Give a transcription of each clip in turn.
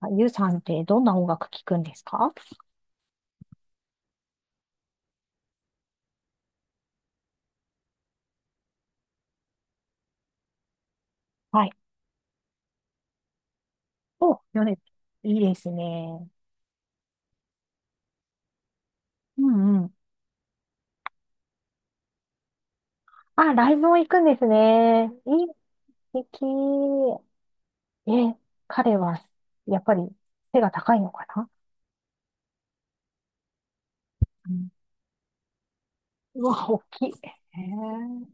あゆうさんってどんな音楽聴くんですか？はい。お、よね。いいですね。うんうん。あ、ライブも行くんですね。いい、素敵。え、彼は、やっぱり背が高いのかな？うん。うわ、大きい。へ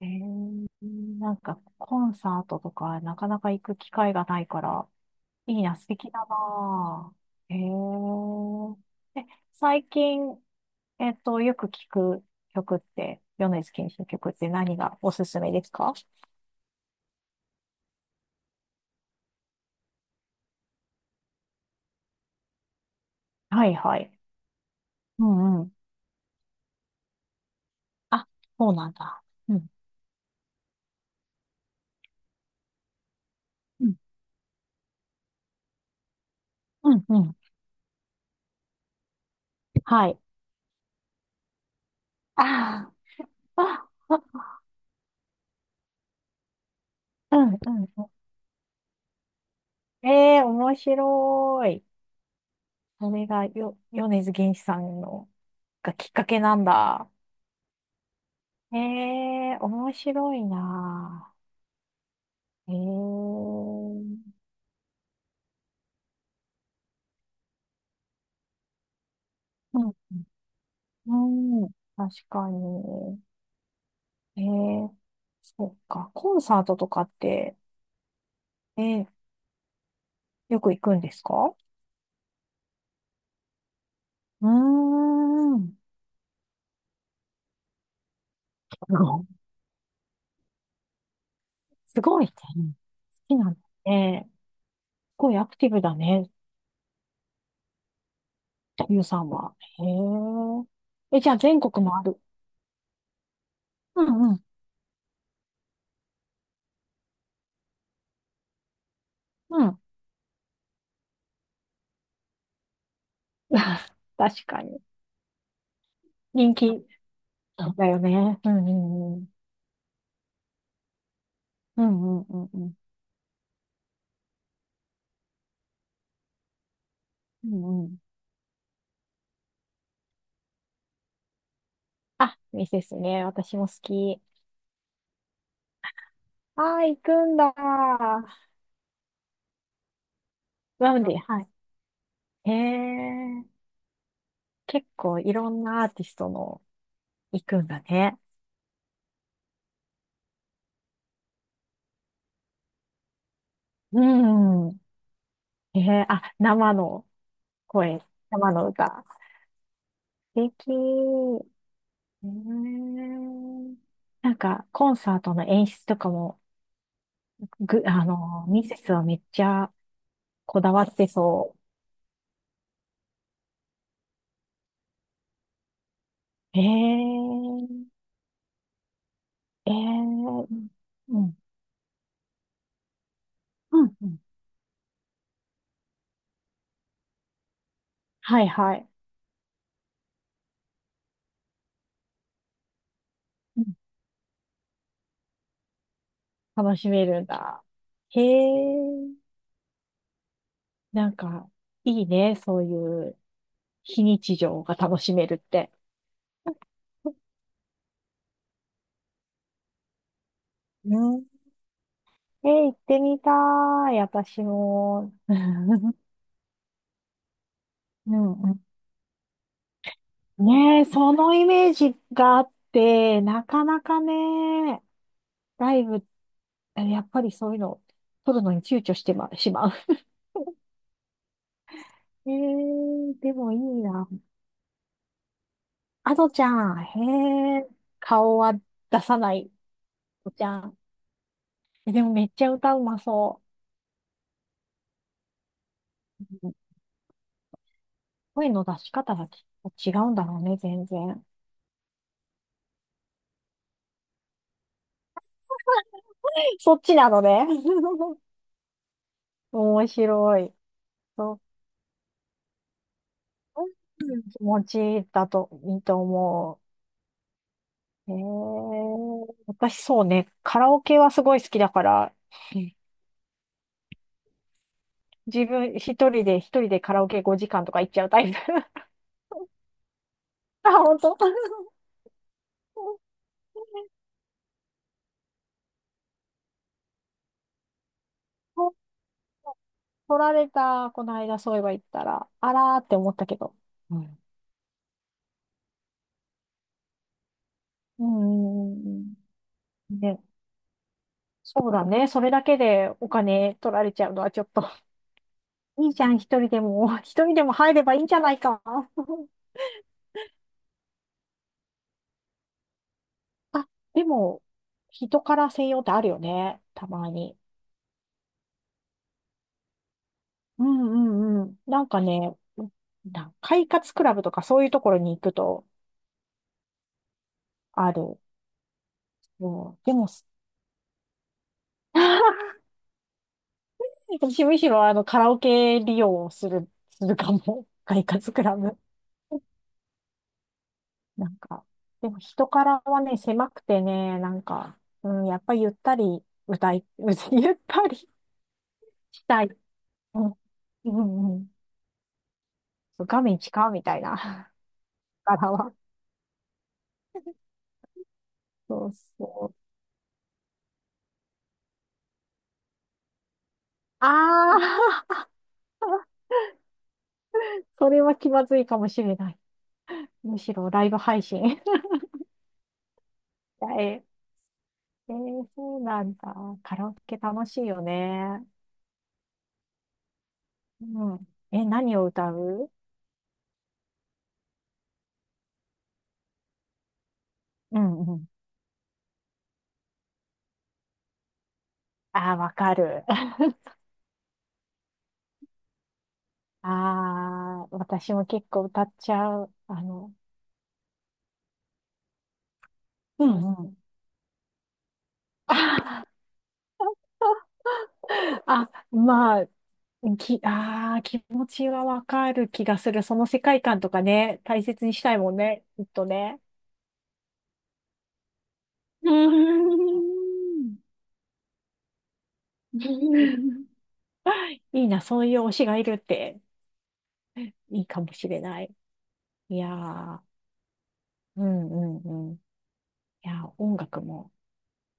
え、へえ、なんか、コンサートとか、なかなか行く機会がないから、いいな、素敵だなあ。へえ。え、最近、よく聞く曲って、米津玄師の曲って何がおすすめですか？はいはい。うんうん。あ、そうなんだ。うん。うん。うんうん。はい。あーあ、あ、うんうんうん。ええー、面白い。それがよ、米津玄師さんの、がきっかけなんだ。ええー、面白いな。ええー、うん、うん、確かに。ええ、そっか。コンサートとかって、えーよく行くんですか？うーん。すごい。すごいね。好きなんだね。すごいアクティブだね。ゆうさんは。へえ。え、じゃあ全国もある。うんうん。うん。確かに。人気だよね。うんうんうん。うんうんうんうん。うんうん。あ、いいですね。私も好き。ああ、行くんだ。なんで、はい。へえ。結構いろんなアーティストの行くんだね。うん。あ、生の声、生の歌。素敵。えー、なんか、コンサートの演出とかも、ミセスはめっちゃこだわってそう。えー、えー、うん、うん。うん、はいはい。うん、楽しめるんだ。へえ、なんか、いいね、そういう非日常が楽しめるって。うん。え、行ってみたい、私も。うんうん、ねえ、そのイメージがあって、なかなかね、ライブ、やっぱりそういうの、撮るのに躊躇してしまう。えー、でもいいな。アドちゃん、へえ、顔は出さない、アドちゃん。でもめっちゃ歌うまそう。うん、声の出し方が違うんだろうね、全然。そっちなのね。面白い。そう、うん。気持ちだといいと思う。私そうね、カラオケはすごい好きだから、うん、自分一人で、一人でカラオケ5時間とか行っちゃうタイプ。あ、本当。お、取られた、この間そういえば言ったら、あらーって思ったけど。うん。うんうん。ね、そうだね。それだけでお金取られちゃうのはちょっと、いいじゃん、一人でも。一人でも入ればいいんじゃないか。あ、でも、人から専用ってあるよね。たまに。うんうんうん。なんかね、快活クラブとかそういうところに行くとある。うん、でも、す 私むしろあのカラオケ利用をする、するかも。快活クラブ。なんか、でも人からはね、狭くてね、なんか、うん、やっぱゆったり歌い、ゆったりしたい。うん、うんうん。そう、画面近かみたいな。柄は。そうそう。ああ、それは気まずいかもしれない。むしろライブ配信。え、えー、そうなんだ。カラオケ楽しいよね。うん。え、何を歌う？うんうん。ああ、わかる。ああ、私も結構歌っちゃう。あの、うんうん。あ、まあ、ああ、気持ちはわかる気がする。その世界観とかね、大切にしたいもんね、きっとね。うーん。いいな、そういう推しがいるっていいかもしれない。いやー、うんうんうん。いやー、音楽も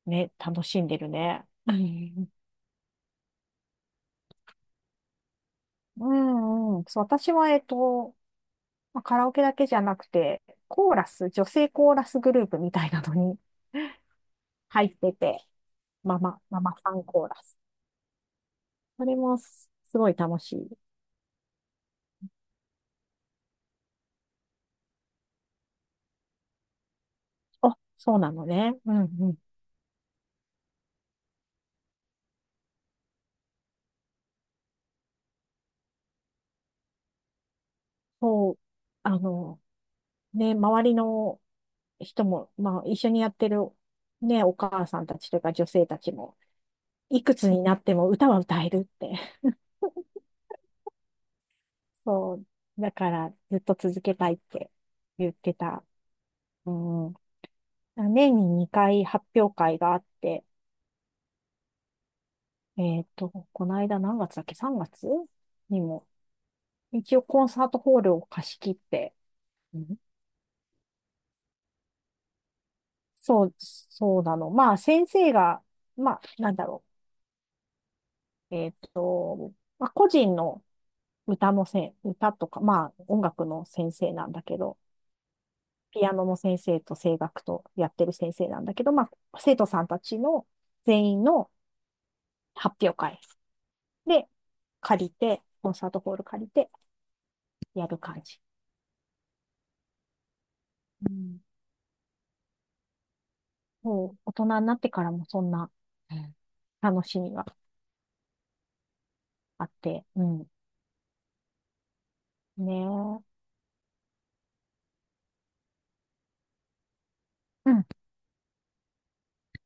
ね、楽しんでるね。うんうんうん。そう、私は、まあカラオケだけじゃなくて、コーラス、女性コーラスグループみたいなのに入ってて、ママさんコーラス。それもすごい楽しい。あ、そうなのね。うんうん。そう、あの、ね、周りの人も、まあ、一緒にやってる、ね、お母さんたちとか女性たちも、いくつになっても歌は歌えるって。そう、だからずっと続けたいって言ってた。うん。年に2回発表会があって、この間何月だっけ？ 3 月にも、一応コンサートホールを貸し切って、うん、そう、そうなの。まあ、先生が、まあ、なんだろう。まあ、個人の歌のせん、歌とか、まあ、音楽の先生なんだけど、ピアノの先生と声楽とやってる先生なんだけど、まあ、生徒さんたちの全員の発表会で借りて、コンサートホール借りてやる感じ。うん。もう、大人になってからもそんなうん楽しみがあって、うん。ねえ。うん、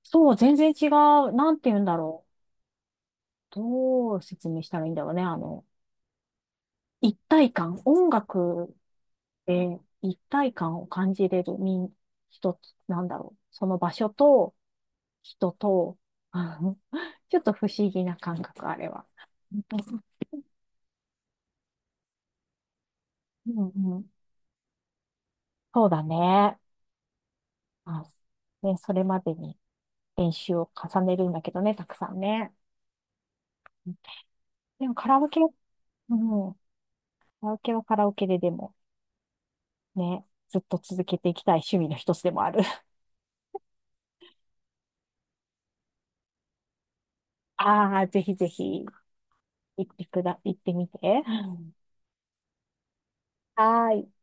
そう、全然違う。なんて言うんだろう。どう説明したらいいんだろうね。あの、一体感。音楽で一体感を感じれる人なんだろう。その場所と人と、あのちょっと不思議な感覚、あれは。うんうん、そうだね。あ、ね、それまでに練習を重ねるんだけどね、たくさんね。でもカラオケ、うん、カラオケはカラオケででも。ね、ずっと続けていきたい趣味の一つでもある。ああ、ぜひぜひ、行ってみて。はーい。